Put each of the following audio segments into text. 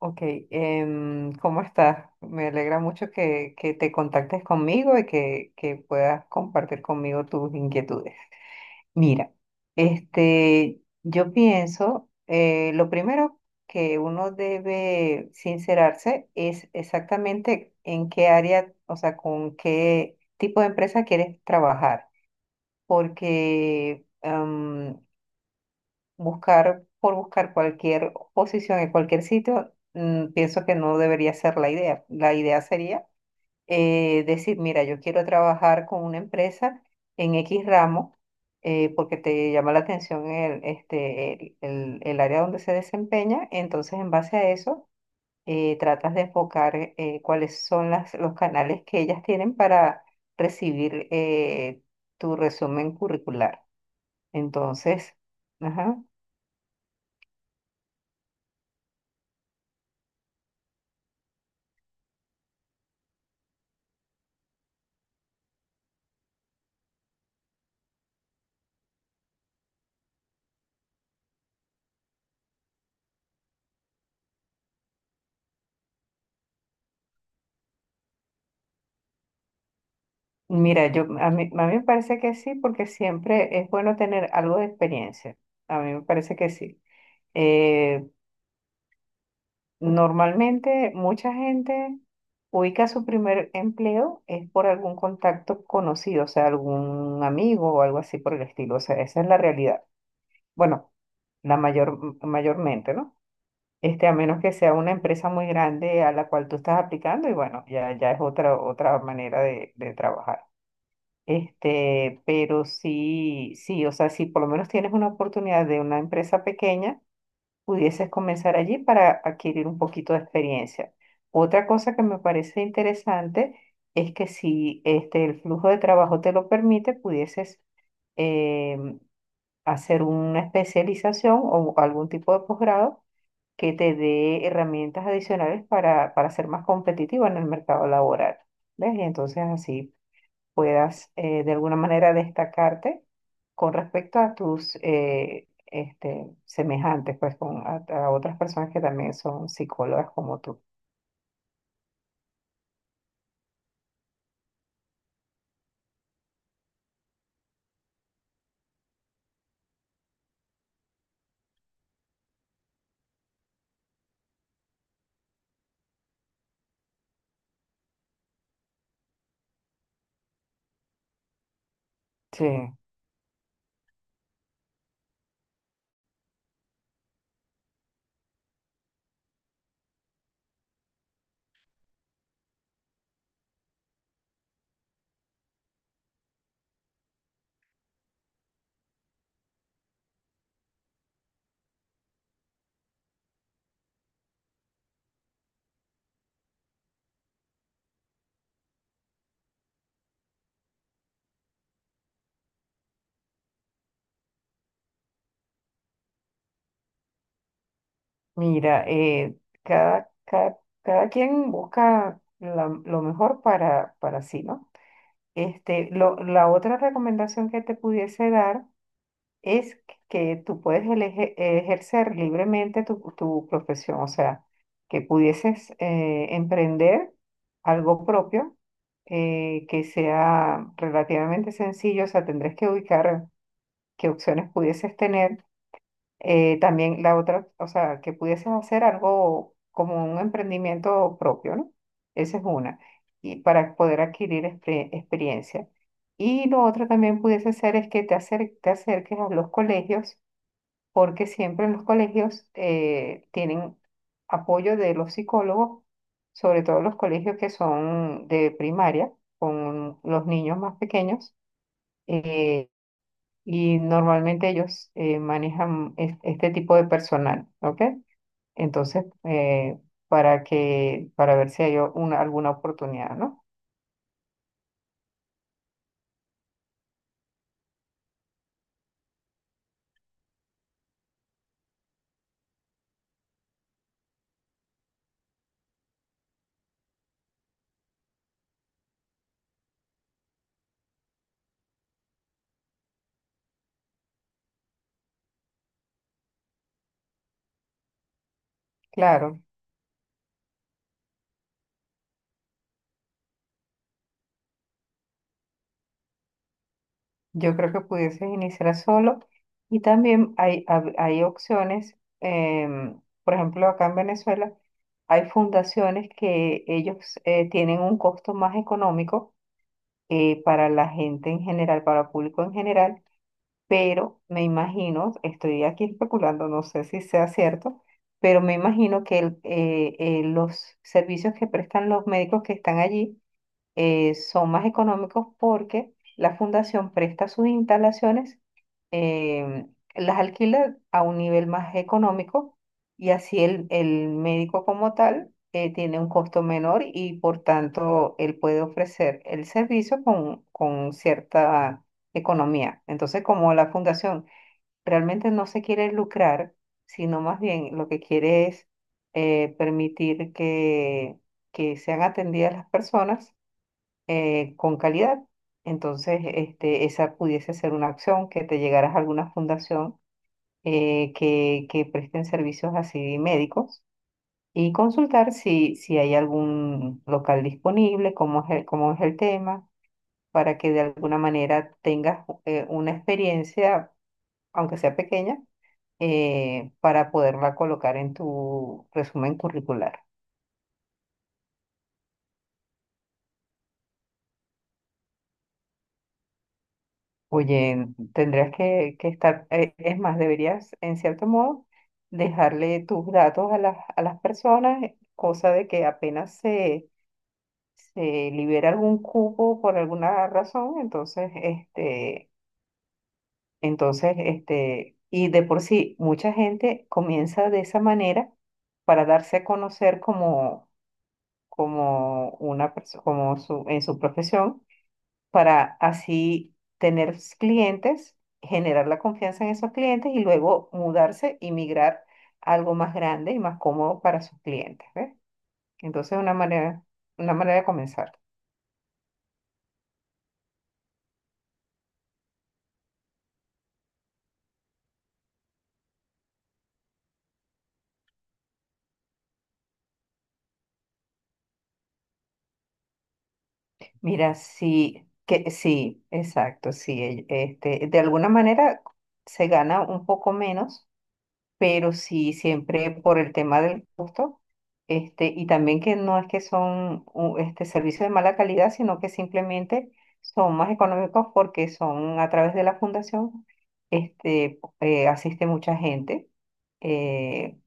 Ok, ¿cómo estás? Me alegra mucho que te contactes conmigo y que puedas compartir conmigo tus inquietudes. Mira, yo pienso, lo primero que uno debe sincerarse es exactamente en qué área, o sea, con qué tipo de empresa quieres trabajar, porque buscar por buscar cualquier posición en cualquier sitio, pienso que no debería ser la idea. La idea sería decir, mira, yo quiero trabajar con una empresa en X ramo porque te llama la atención el, este, el área donde se desempeña, entonces en base a eso tratas de enfocar cuáles son los canales que ellas tienen para recibir tu resumen curricular. Entonces, ajá. Mira, yo, a mí me parece que sí, porque siempre es bueno tener algo de experiencia. A mí me parece que sí. Eh, Normalmente mucha gente ubica su primer empleo es por algún contacto conocido, o sea, algún amigo o algo así por el estilo. O sea, esa es la realidad. Bueno, la mayor, mayormente, ¿no? A menos que sea una empresa muy grande a la cual tú estás aplicando y bueno, ya es otra manera de trabajar. Pero sí, sí, o sea, si por lo menos tienes una oportunidad de una empresa pequeña, pudieses comenzar allí para adquirir un poquito de experiencia. Otra cosa que me parece interesante es que si el flujo de trabajo te lo permite, pudieses em, hacer una especialización o algún tipo de posgrado que te dé herramientas adicionales para ser más competitivo en el mercado laboral. ¿Ves? Y entonces así puedas de alguna manera destacarte con respecto a tus semejantes, pues con a otras personas que también son psicólogas como tú. Sí, mira, cada, cada, cada quien busca lo mejor para sí, ¿no? La otra recomendación que te pudiese dar es que tú puedes ejercer libremente tu, tu profesión, o sea, que pudieses emprender algo propio que sea relativamente sencillo, o sea, tendrías que ubicar qué opciones pudieses tener. También la otra, o sea, que pudieses hacer algo como un emprendimiento propio, ¿no? Esa es una, y para poder adquirir experiencia. Y lo otro también pudiese ser es que te acerques a los colegios porque siempre en los colegios tienen apoyo de los psicólogos, sobre todo los colegios que son de primaria, con los niños más pequeños, eh, y normalmente ellos manejan este tipo de personal, ¿ok? Entonces, para ver si hay alguna oportunidad, ¿no? Claro. Yo creo que pudieses iniciar solo y también hay opciones, por ejemplo, acá en Venezuela hay fundaciones que ellos tienen un costo más económico para la gente en general, para el público en general, pero me imagino, estoy aquí especulando, no sé si sea cierto, pero me imagino que los servicios que prestan los médicos que están allí, son más económicos porque la fundación presta sus instalaciones, eh, las alquila a un nivel más económico y así el médico como tal tiene un costo menor y por tanto él puede ofrecer el servicio con cierta economía. Entonces, como la fundación realmente no se quiere lucrar, sino más bien lo que quiere es permitir que sean atendidas las personas con calidad. Entonces, esa pudiese ser una acción, que te llegaras a alguna fundación que presten servicios así médicos y consultar si, si hay algún local disponible, cómo es el tema, para que de alguna manera tengas una experiencia, aunque sea pequeña, para poderla colocar en tu resumen curricular. Oye, tendrías que estar, es más, deberías, en cierto modo, dejarle tus datos a a las personas, cosa de que se libera algún cupo por alguna razón, entonces, y de por sí, mucha gente comienza de esa manera para darse a conocer como una persona, en su profesión para así tener clientes, generar la confianza en esos clientes y luego mudarse y migrar a algo más grande y más cómodo para sus clientes, ¿ves? Entonces, una manera de comenzar. Mira, sí, que sí, exacto, sí, de alguna manera se gana un poco menos pero sí siempre por el tema del costo, y también que no es que son servicios de mala calidad, sino que simplemente son más económicos porque son a través de la fundación, asiste mucha gente. eh,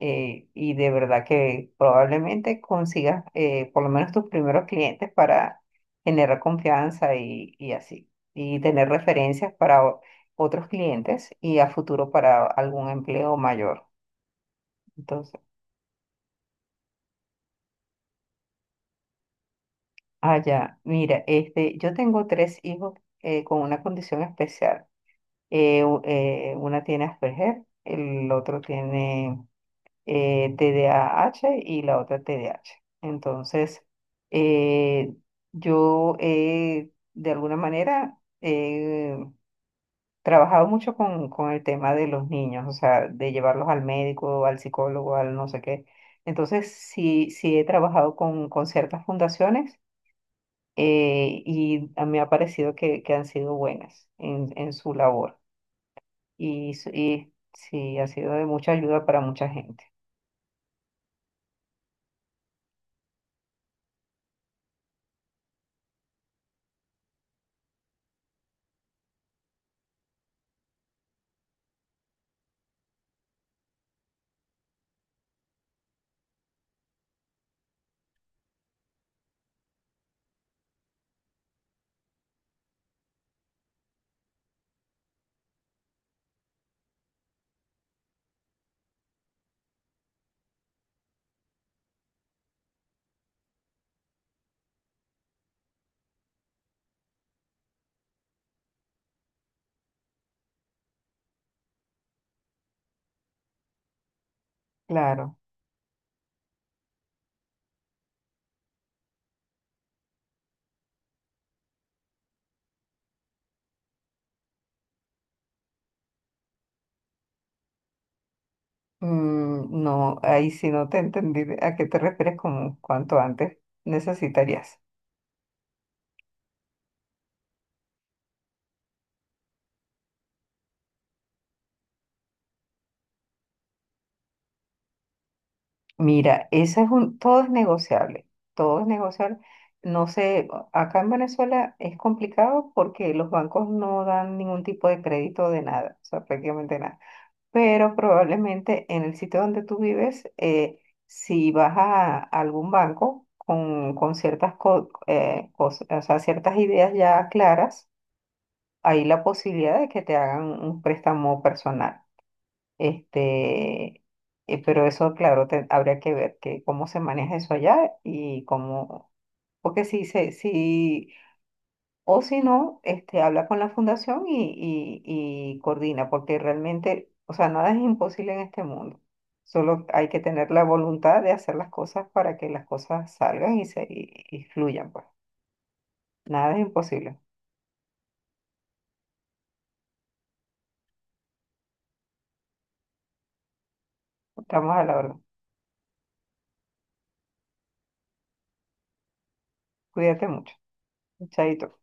y de verdad que probablemente consigas por lo menos tus primeros clientes para generar confianza y así, y tener referencias para otros clientes y a futuro para algún empleo mayor. Entonces, ah, ya, mira, yo tengo tres hijos con una condición especial. Una tiene Asperger, el otro tiene TDAH y la otra TDAH. Entonces, eh, yo he, de alguna manera, he trabajado mucho con el tema de los niños, o sea, de llevarlos al médico, al psicólogo, al no sé qué. Entonces, sí, sí he trabajado con ciertas fundaciones y a mí me ha parecido que han sido buenas en su labor y, y sí, ha sido de mucha ayuda para mucha gente. Claro. No, ahí sí no te entendí a qué te refieres con cuanto antes necesitarías. Mira, todo es negociable, todo es negociable. No sé, acá en Venezuela es complicado porque los bancos no dan ningún tipo de crédito de nada, o sea, prácticamente nada. Pero probablemente en el sitio donde tú vives, si vas a algún banco con ciertas o sea, ciertas ideas ya claras, hay la posibilidad de que te hagan un préstamo personal. Este, pero eso, claro, habría que ver que cómo se maneja eso allá y cómo, porque si se, si, o si no, habla con la fundación y coordina, porque realmente, o sea, nada es imposible en este mundo. Solo hay que tener la voluntad de hacer las cosas para que las cosas salgan y fluyan, pues. Nada es imposible. Estamos a la orden. Cuídate mucho. Chaito.